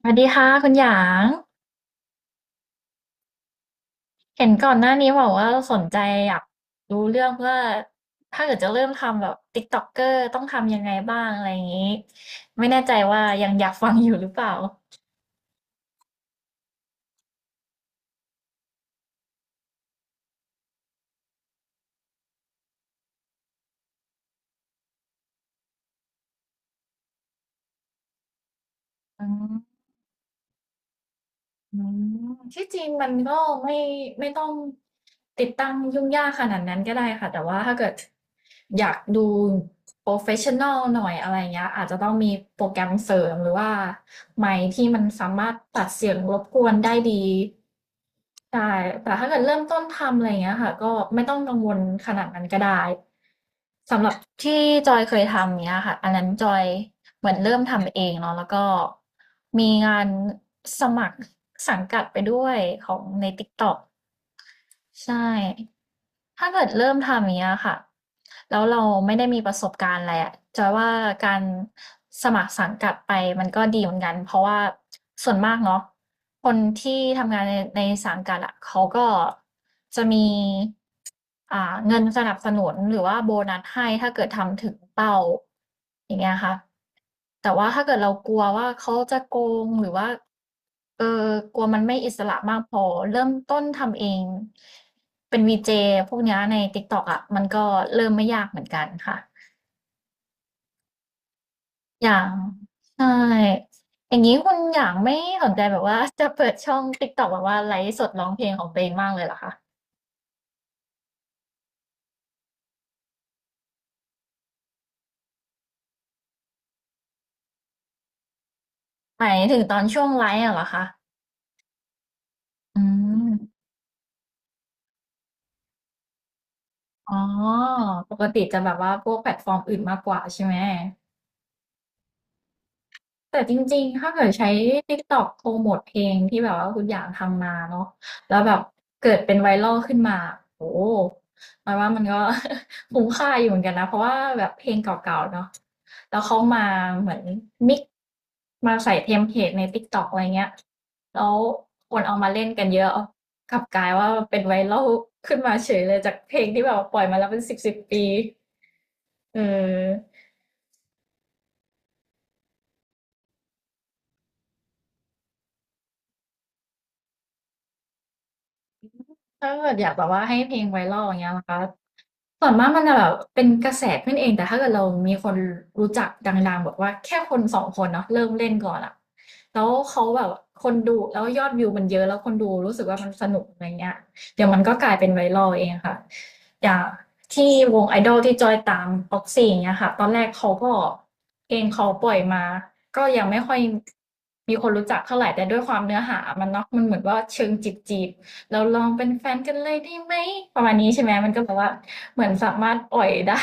สวัสดีค่ะคุณหยางเห็นก่อนหน้านี้บอกว่าสนใจอยากรู้เรื่องว่าถ้าเกิดจะเริ่มทำแบบติ๊กต็อกเกอร์ต้องทำยังไงบ้างอะไรอย่างนี้ไม่แน่ใจว่ายังอยากฟังอยู่หรือเปล่าอืม อืมที่จริงมันก็ไม่ไม่ต้องติดตั้งยุ่งยากขนาดนั้นก็ได้ค่ะแต่ว่าถ้าเกิดอยากดูโปรเฟชชั่นอลหน่อยอะไรเงี้ยอาจจะต้องมีโปรแกรมเสริมหรือว่าไมค์ที่มันสามารถตัดเสียงรบกวนได้ดีใช่แต่ถ้าเกิดเริ่มต้นทำอะไรเงี้ยค่ะก็ไม่ต้องกังวลขนาดนั้นก็ได้สำหรับที่จอยเคยทำเนี้ยค่ะอันนั้นจอย เหมือนเริ่มทำเองเนาะแล้วก็มีงานสมัครสังกัดไปด้วยของใน t ิกตอก ใช่ ถ้าเกิดเริ่มทำอย่างเงี้ยค่ะแล้วเราไม่ได้มีประสบการณ์อะไรอะจอยว่าการสมัครสังกัดไปมันก็ดีเหมือนกันเพราะว่าส่วนมากเนาะ คนที่ทำงานในสังกัดอะเขาก็จะมีเงินสนับสนุนหรือว่าโบนัสให้ถ้าเกิดทำถึงเป้าอย่างเงี้ยค่ะแต่ว่าถ้าเกิดเรากลัวว่าเขาจะโกงหรือว่า เออกลัวมันไม่อิสระมากพอเริ่มต้นทำเองเป็นวีเจพวกเนี้ยใน TikTok อะมันก็เริ่มไม่ยากเหมือนกันค่ะอย่างใช่อย่างงี้คุณหยางไม่สนใจแบบว่าจะเปิดช่อง TikTok แบบว่าไลฟ์สดร้องเพลงของตัวเองบ้างเลยเหรอคะหมายถึงตอนช่วงไลฟ์อะเหรอคะอืมอ๋อปกติจะแบบว่าพวกแพลตฟอร์มอื่นมากกว่าใช่ไหม แต่จริงๆ ถ้าเกิดใช้ TikTok โปรโมทเพลงที่แบบว่าคุณอยากทำมาเนาะแล้วแบบเกิดเป็นไวรัลขึ้นมาโอ้โห หมายว่ามันก็ คุ้มค่าอยู่เหมือนกันนะเพราะว่าแบบเพลงเก่าๆเนาะแล้วเขามาเหมือนมิกซ์มาใส่เทมเพลตใน TikTok อะไรเงี้ยแล้วคนเอามาเล่นกันเยอะกลับกลายว่าเป็นไวรัลขึ้นมาเฉยเลยจากเพลงที่แบบว่าปล่อยมาแล้วเป็นสิบสิบปีเออถ้าเกิดอยากแบบว่าให้เพลงไวรัลอย่างเงี้ยนะคะ ส่วนมากมันจะแบบเป็นกระแสขึ้นเองแต่ถ้าเกิดเรามีคนรู้จักดังๆบอกว่าแค่คนสองคนเนาะเริ่มเล่นก่อนอะแล้วเขาแบบคนดูแล้วยอดวิวมันเยอะแล้วคนดูรู้สึกว่ามันสนุกอะไรเงี้ยเดี๋ยวมันก็กลายเป็นไวรัลเองค่ะอย่างที่วงไอดอลที่จอยตามออกซี่างเงี้ยค่ะตอนแรกเขาก็เพลงเขาปล่อยมาก็ยังไม่ค่อยมีคนรู้จักเท่าไหร่แต่ด้วยความเนื้อหามันเนาะมันเหมือนว่าเชิงจีบจีบ เราลองเป็นแฟนกันเลยได้ไหมประมาณนี้ใช่ไหมมันก็แบบว่าเหมือนสามารถปล่อยได้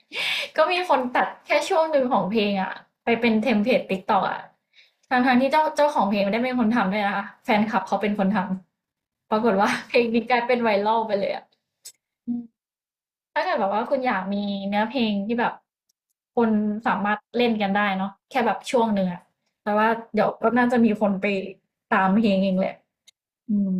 ก็มีคนตัดแค่ช่วงหนึ่งของเพลงอะไปเป็นเทมเพลตติ๊กต็อกอะทางๆที่เจ้าของเพลงไม่ได้เป็นคนทำด้วยนะคะแฟนคลับเขาเป็นคนทำปรากฏว่า เพลงนี้กลายเป็นไวรัลไปเลยอะอืมถ้าเกิดแบบว่าคุณอยากมีเนื้อเพลงที่แบบคนสามารถเล่นกันได้เนาะแค่แบบช่วงหนึ่งอะแต่ว่าเดี๋ยวก็น่าจะมีคนไปตามเพลงเองแหละอืม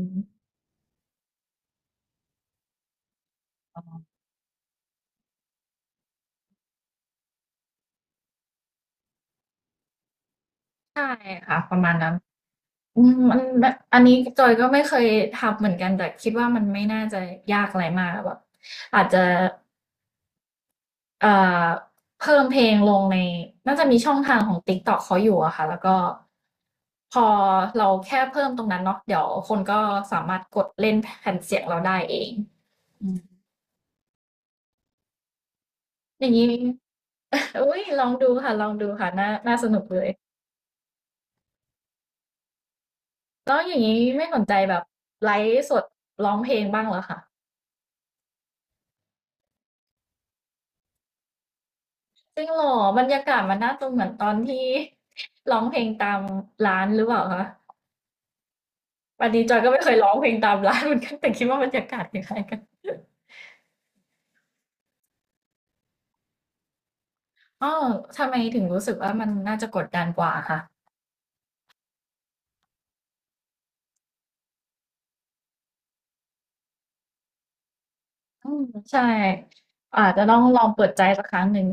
ใช่ค่ะประมาณนั้น อืมอันแบบอันนี้จอยก็ไม่เคยทำเหมือนกันแต่คิดว่ามันไม่น่าจะยากอะไรมากแบบอาจจะเอ่อเพิ่มเพลงลงในน่าจะมีช่องทางของ TikTok เขาอยู่อะค่ะแล้วก็พอเราแค่เพิ่มตรงนั้นเนาะเดี๋ยวคนก็สามารถกดเล่นแผ่นเสียงเราได้เองอืมอย่างนี้ อุ้ยลองดูค่ะลองดูค่ะน่าน่าสนุกเลยแล้วอย่างนี้ไม่สนใจแบบไลฟ์สดร้องเพลงบ้างเหรอคะ จริงเหรอบรรยากาศมันน่าจะเหมือนตอนที่ ร้องเพลงตามร้านหรือเปล่าคะวันนี้จอยก็ไม่เคยร้องเพลงตามร้านเหมือนกัน แต่คิดว่าบรรยากาศคล้ายๆกันอ๋อทำไมถึงรู้สึกว่ามันน่าจะกดดันกว่าค่ะอืมใช่อาจจะต้องลองเปิดใจสักครั้งหนึ่ง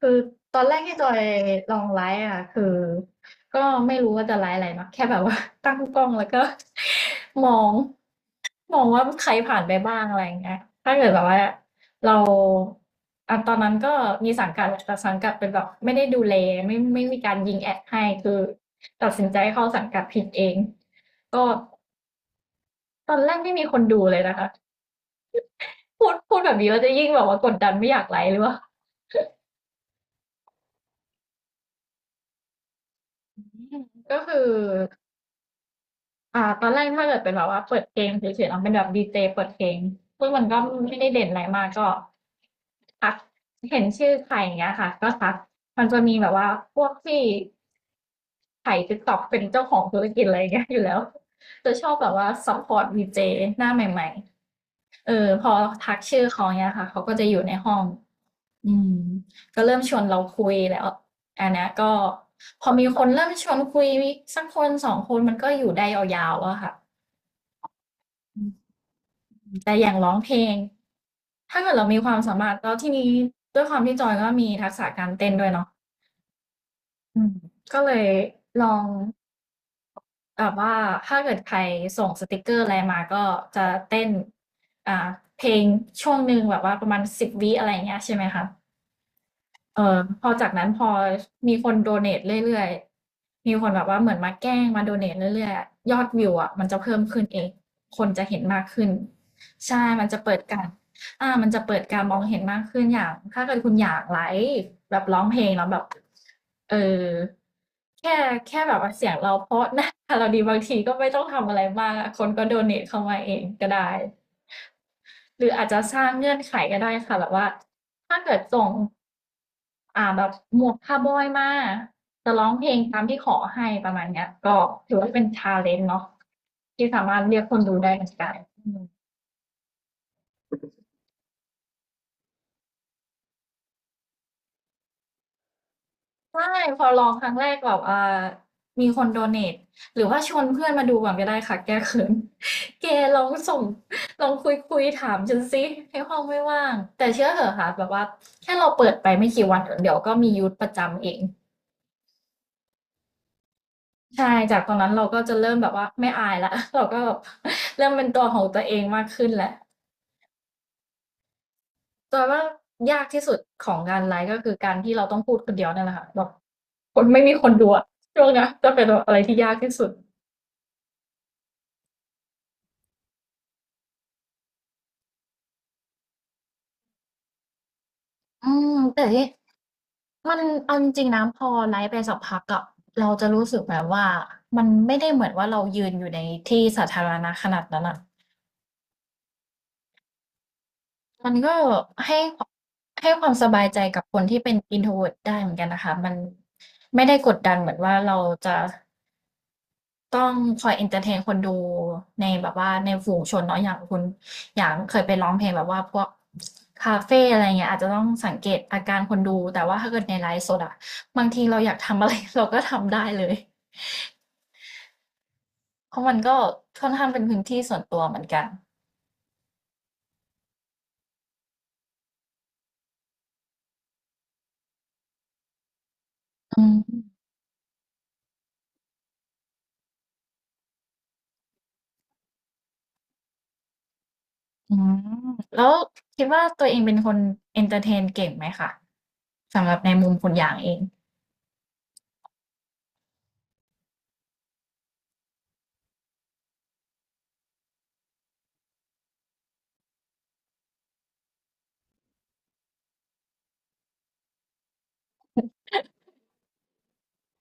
คือตอนแรกที่จอยลองไลฟ์อ่ะคือก็ไม่รู้ว่าจะไลฟ์อะไรเนาะแค่แบบว่า ตั้งกล้องแล้วก็ มองว่าใครผ่านไปบ้างอะไรอย่างเงี้ยถ้าเกิดแบบว่าเราอ่ะตอนนั้นก็มีสังกัดแหละแต่สังกัดเป็นแบบไม่ได้ดูแลไม่มีการยิงแอดให้คือตัดสินใจเข้าสังกัดผิดเองก็ตอนแรกไม่มีคนดูเลยนะคะพูดแบบนี้เราจะยิ่งแบบว่ากดดันไม่อยากไลฟ์หรือว่าก็คือ ตอนแรกถ้าเกิดเป็นแบบว่าเปิดเพลงเฉยๆเราเป็นแบบดีเจเปิดเพลงซึ่งมันก็ไม่ได้เด่นอะไรมากก็ทักเห็นชื่อใครอย่างเงี้ยค่ะก็ทักมันจะมีแบบว่าพวกที่ถ่ายติ๊กต็อกเป็นเจ้าของธุรกิจอะไรอย่างเงี้ยอยู่แล้วจะชอบแบบว่าซัพพอร์ตดีเจหน้าใหม่ๆเออพอทักชื่อเขาเนี่ยค่ะเขาก็จะอยู่ในห้องอืมก็เริ่มชวนเราคุยแล้วอันเนี้ยก็พอมีคนเริ่มชวนคุยสักคนสองคนมันก็อยู่ได้ยาวๆอะค่ะ แต่อย่างร้องเพลงถ้าเกิดเรามีความสามารถแล้วทีนี้ด้วยความที่จอยก็มีทักษะการเต้นด้วยเนาะอืมก็เลยลองแบบว่าถ้าเกิดใครส่งสติกเกอร์อะไรมาก็จะเต้นอ่าเพลงช่วงหนึ่งแบบว่าประมาณ10วิอะไรอย่างเงี้ยใช่ไหมคะ เออพอจากนั้นพอมีคนโดเนทเรื่อยๆมีคนแบบว่าเหมือนมาแกล้งมาโดเนทเรื่อยๆยอดวิวอะมันจะเพิ่มขึ้นเองคนจะเห็นมากขึ้นใช่มันจะเปิดการมันจะเปิดการมองเห็นมากขึ้นอย่างถ้าเกิดคุณอยากไลฟ์แบบร้องเพลงแล้วแบบเออแค่แค่แบบว่าเสียงเราเพราะนะเราดีบางทีก็ไม่ต้องทำอะไรมากคนก็โดเนทเข้ามาเองก็ได้หรืออาจจะสร้างเงื่อนไขก็ได้ค่ะแบบว่าถ้าเกิดส่ง แบบหมวกคาวบอยมาจะร้องเพลงตามที่ขอให้ประมาณเนี้ยก็ถือว่าเป็นชาเลนจ์เนาะที่สามารถเรียกคนดูได้เหมือนกันอืมใช่พอลองครั้งแรกแบบอ่อมีคนโดเนทหรือว่าชวนเพื่อนมาดูก่อนก็ได้ค่ะแก้เขิน แกลองส่งลองคุยถามฉันสิให้ห้องไม่ว่างแต่เชื่อเถอะค่ะแบบว่าแค่เราเปิดไปไม่กี่วันเดี๋ยวก็มียูทประจำเอง ใช่จากตอนนั้นเราก็จะเริ่มแบบว่าไม่อายแล้ว เราก็แบบ เริ่มเป็นตัวของตัวเองมากขึ้นแหละแต่ว่ายากที่สุดของงานไลฟ์ก็คือการที่เราต้องพูดคนเดียวนั่นแหละค่ะแบบคนไม่มีคนดูอะช่วงเนี้ยจะเป็นแบบอะไรที่ยากที่สุดอืมแต่ที่มันเอาจริงๆนะพอไลฟ์ไปสักพักอะเราจะรู้สึกแบบว่ามันไม่ได้เหมือนว่าเรายืนอยู่ในที่สาธารณะขนาดนั้นอะ มันก็ให้ความให้ความสบายใจกับคนที่เป็น introvert ได้เหมือนกันนะคะมันไม่ได้กดดันเหมือนว่าเราจะต้องคอย entertain คนดูในแบบว่าในฝูงชนเนาะอย่างคุณอย่างเคยไปร้องเพลงแบบว่าพวกคาเฟ่อะไรเงี้ยอาจจะต้องสังเกตอาการคนดูแต่ว่าถ้าเกิดในไลฟ์สดอะบางทีเราอยากทำอะไร เราก็ทำได้เลยเพราะมันก็ค่อนข้างเป็นพื้นที่ส่วนตัวเหมือนกันอืม อืมแล้วคิดว่าตัวเองเป็นคนเอนเตอร์เทนเก่งไหมคะสำหรับในมุมคุณอยางเอง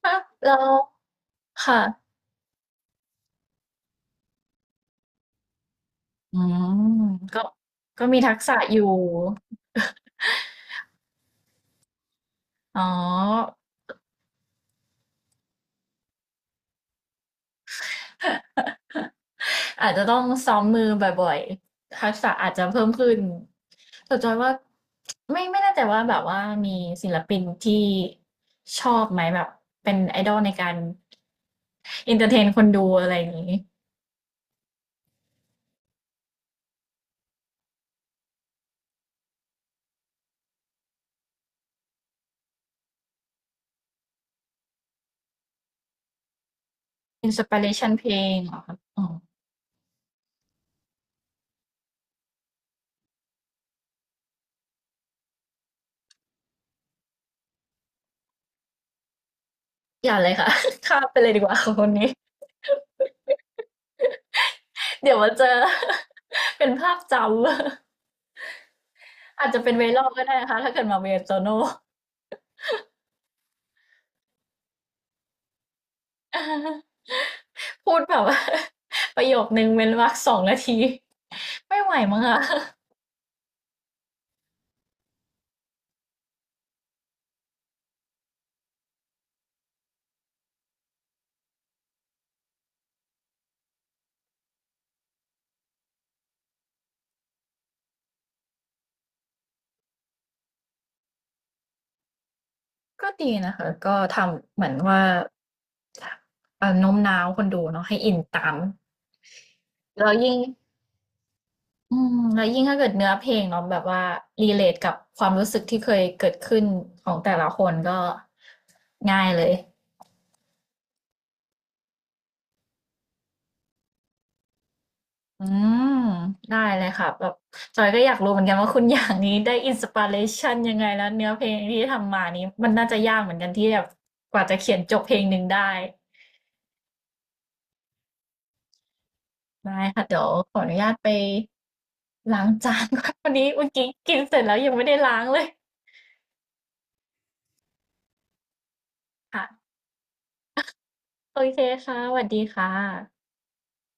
ฮะแล้วค่ะอืมก็ก็มีทักษะอยู่ อ๋ออาจจะต้องซ้อมมือบ่อยๆทักษะอาจจะเพิ่มขึ้นแต่จอยว่าไม่แน่ใจว่าแบบว่ามีศิลปินที่ชอบไหมแบบเป็นไอดอลในการเอนเตอร์เทนคนดูอะไรอย่างนี้อินสปิเรชันเพลงเหรอครับ อย่าเลยค่ะ ข้ามไปเลยดีกว่า ค่ะคนนี้ เดี๋ยวมาเจอ เป็นภาพจำ อาจจะเป็น viral ก็ได้นะคะ ถ้าเกิดมาเวียโตโน่ พูดแบบว่า ประโยคนึงเว้นวรรคสองนาที ไม่ไหวมั้งคะ ก็ดีนะคะ ก็ทำเหมือนว่าโน้มน้าวคนดูเนาะให้อินตามแล้วยิ่งอืมแล้วยิ่งถ้าเกิดเนื้อเพลงเนาะแบบว่ารีเลทกับความรู้สึกที่เคยเกิดขึ้นของแต่ละคนก็ง่ายเลย อืมได้เลยค่ะแบบจอยก็อยากรู้เหมือนกันว่าคุณอย่างนี้ได้อินสปิเรชันยังไงแล้วเนื้อเพลงที่ทำมานี้มันน่าจะยากเหมือนกันที่แบบกว่าจะเขียนจบเพลงหนึ่งได้ได้ค่ะเดี๋ยวขออนุญาตไปล้างจานก่อนวันนี้เมื่อกี้กินเสร็จแล้วยังไม่ได้ล้างเลยค่ะโอเคค่ะสวัสดีค่ะ